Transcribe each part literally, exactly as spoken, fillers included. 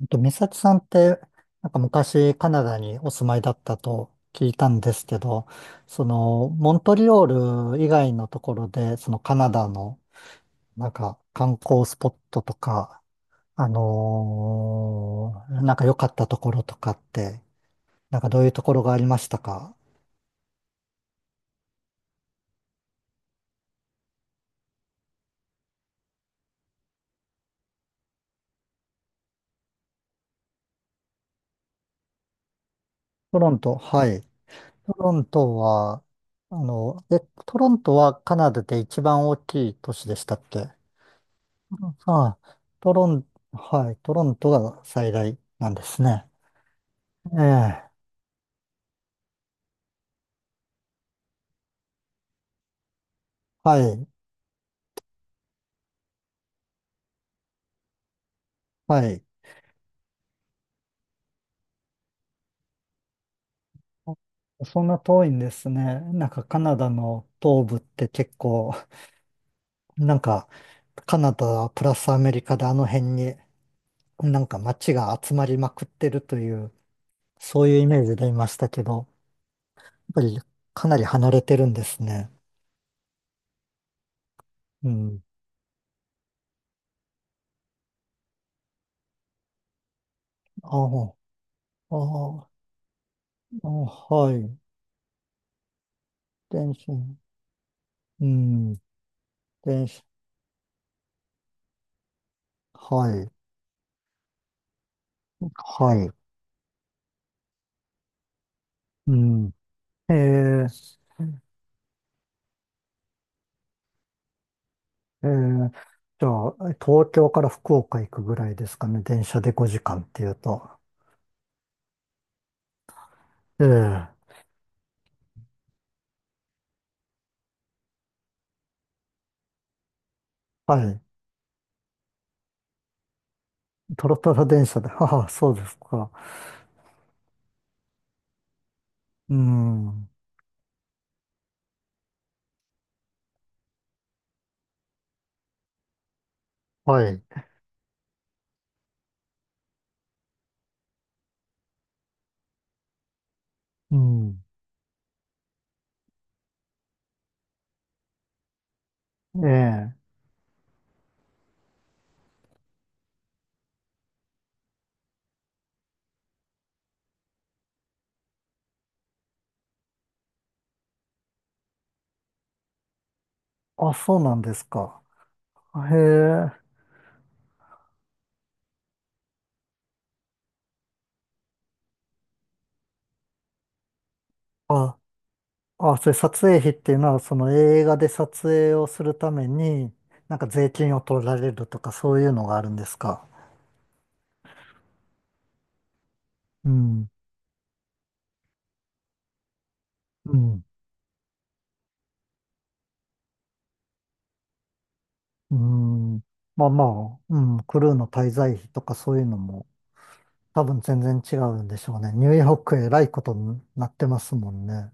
えっと、美咲さんって、なんか昔カナダにお住まいだったと聞いたんですけど、その、モントリオール以外のところで、そのカナダの、なんか観光スポットとか、あのーなんか良かったところとかって、なんかどういうところがありましたか？トロント、はい。トロントは、あの、え、トロントはカナダで一番大きい都市でしたっけ？ああ、トロン、はい、トロントが最大なんですね。ええ、はい、はい。そんな遠いんですね。なんかカナダの東部って結構、なんかカナダプラスアメリカであの辺になんか街が集まりまくってるという、そういうイメージでいましたけど、やっぱりかなり離れてるんですね。うん。ああ、ああ、ああはい。電車、うん、電車、はい、はい。うん。ええ、えー、じゃあ、東京から福岡行くぐらいですかね。電車でごじかんっていうと。ええ、はい。トロトロ電車で。はあ、そうですか。うん。はい。うん。ええ、あ、そうなんですか。へえ。あ、あ、それ撮影費っていうのは、その映画で撮影をするために、なんか税金を取られるとか、そういうのがあるんですか。うん。うん。うん。まあまあ、うん、クルーの滞在費とかそういうのも多分全然違うんでしょうね。ニューヨークえらいことになってますもんね。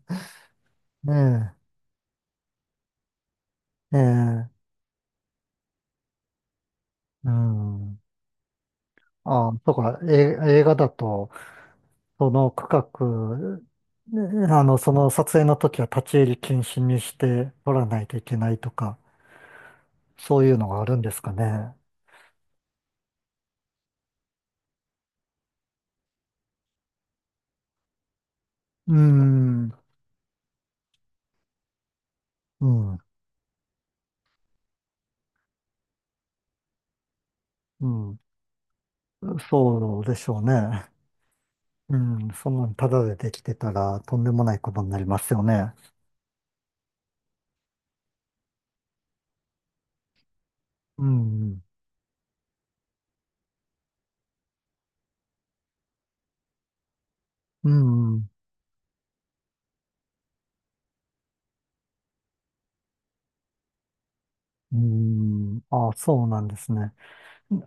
ね、え、ええ、うん。あ、とか、え、映画だと、その区画、ね、あの、その撮影の時は立ち入り禁止にして撮らないといけないとか、そういうのがあるんですかね。うん、うん、うん、そうでしょうね。うん、そんなんタダでできてたらとんでもないことになりますよね。うん、うん、うん、ああ、そうなんですね。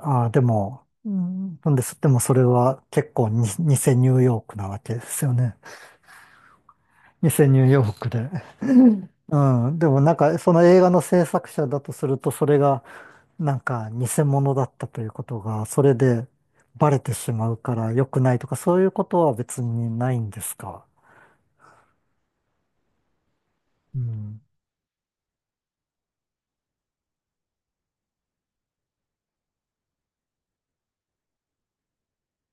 ああ、でも、うん、なんです。でもそれは結構に、偽ニューヨークなわけですよね。偽ニューヨークで。うん、うんでもなんかその映画の制作者だとすると、それがなんか偽物だったということが、それでバレてしまうから良くないとか、そういうことは別にないんですか？うん。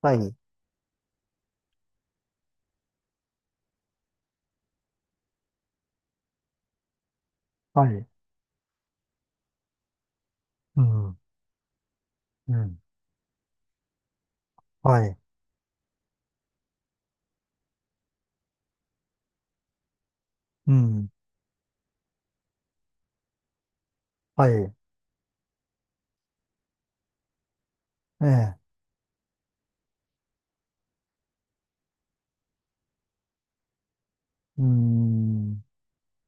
はい。はい。うん、うん、はい、うん、はい、ええ、うん、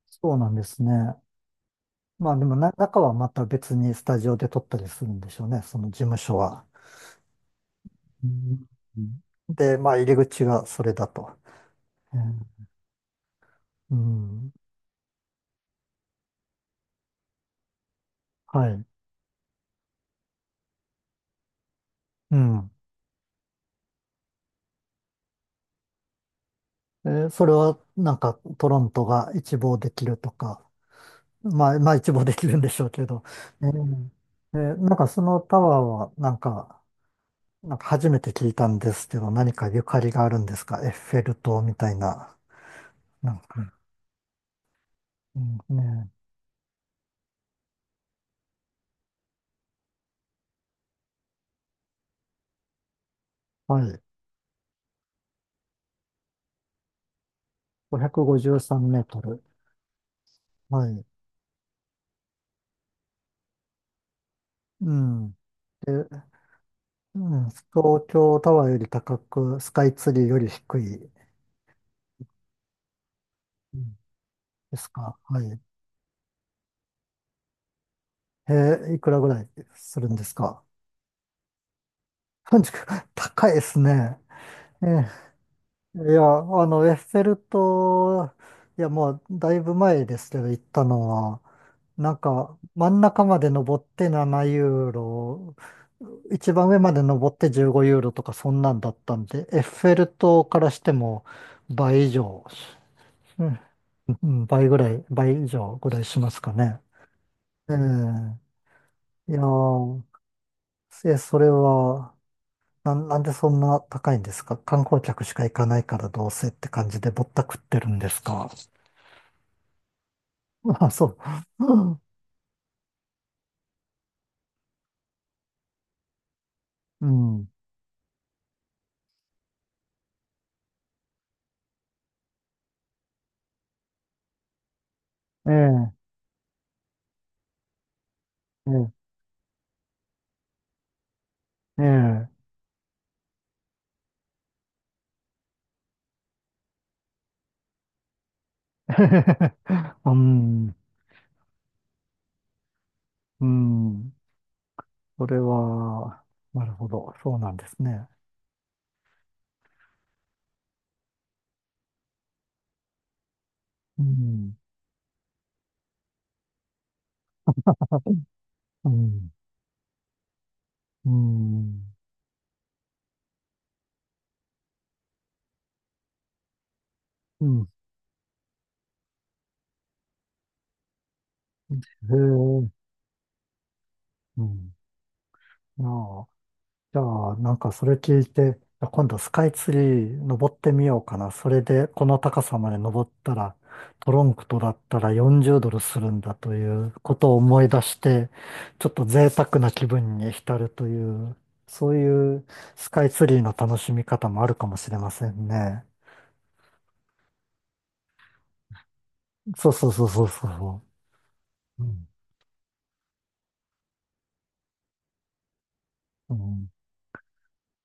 そうなんですね。まあでもな、中はまた別にスタジオで撮ったりするんでしょうね、その事務所は。うん、で、まあ入り口がそれだと。うん、うん、はい、うん。えー、それはなんかトロントが一望できるとか、まあ、まあ一望できるんでしょうけど、えーえーなんかそのタワーはなんか、なんか初めて聞いたんですけど、何かゆかりがあるんですか？エッフェル塔みたいな。なんか、うん、ね、はい。ごひゃくごじゅうさんメートル。はい。うん。で、うん、東京タワーより高く、スカイツリーより低いうんですか？はい。えー、いくらぐらいするんですか？ さんじゅうきゅう、高いですね。えー、いや、あの、エッフェル塔、いや、もうだいぶ前ですけど、行ったのは、なんか、真ん中まで登ってななユーロユーロ、一番上まで登ってじゅうごユーロユーロとか、そんなんだったんで、エッフェル塔からしても倍以上、うんうん、倍ぐらい、倍以上ぐらいしますかね。ええ、いやー、え、それは、なん、なんでそんな高いんですか？観光客しか行かないからどうせって感じでぼったくってるんですか？まあ、そう。うん。ええ、ええ、ええ。うん、うん。それは、なるほど。そうなんですね。うん、うん、うん、うん。へえ、うん。ああ。じゃあ、なんかそれ聞いて、いや今度スカイツリー登ってみようかな。それでこの高さまで登ったら、トロンクとだったらよんじゅうドルドルするんだということを思い出して、ちょっと贅沢な気分に浸るという、そういうスカイツリーの楽しみ方もあるかもしれませんね。そうそうそうそうそう。うん、うん、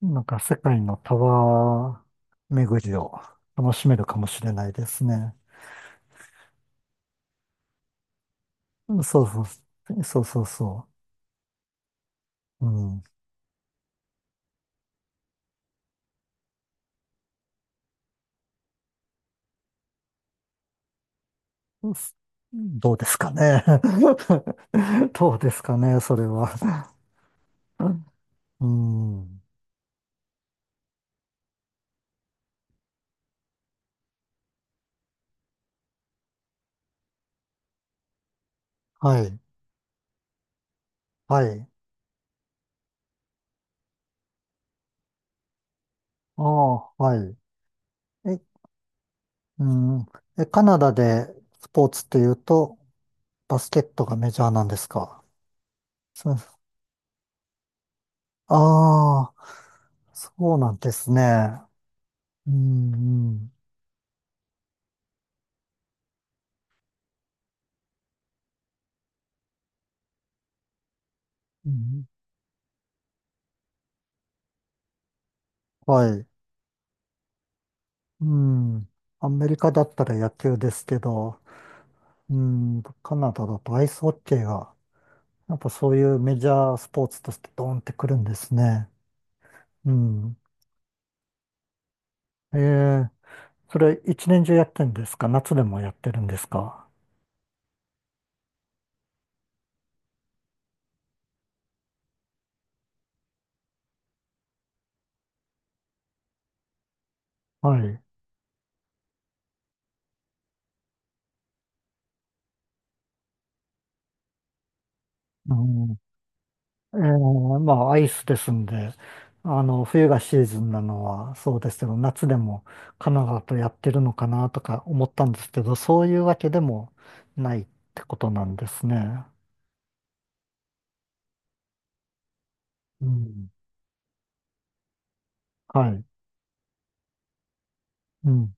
なんか世界のタワー巡りを楽しめるかもしれないですね。うん、そうそう、そうそうそう。うん。どうですかね。どうですかね、それは。うん。はい。はい。ああ、はい。え、うん。え、カナダでスポーツっていうと、バスケットがメジャーなんですか。そう、ああ、そうなんですね。うん、うん。うん、はい。うん。アメリカだったら野球ですけど、うん、カナダだとアイスホッケーがやっぱそういうメジャースポーツとしてドーンってくるんですね。うん。ええ、それ一年中やってるんですか？夏でもやってるんですか？はい。うん、ええ、まあアイスですんで、あの、冬がシーズンなのはそうですけど、夏でもカナダとやってるのかなとか思ったんですけど、そういうわけでもないってことなんですね。うん。はい。うん。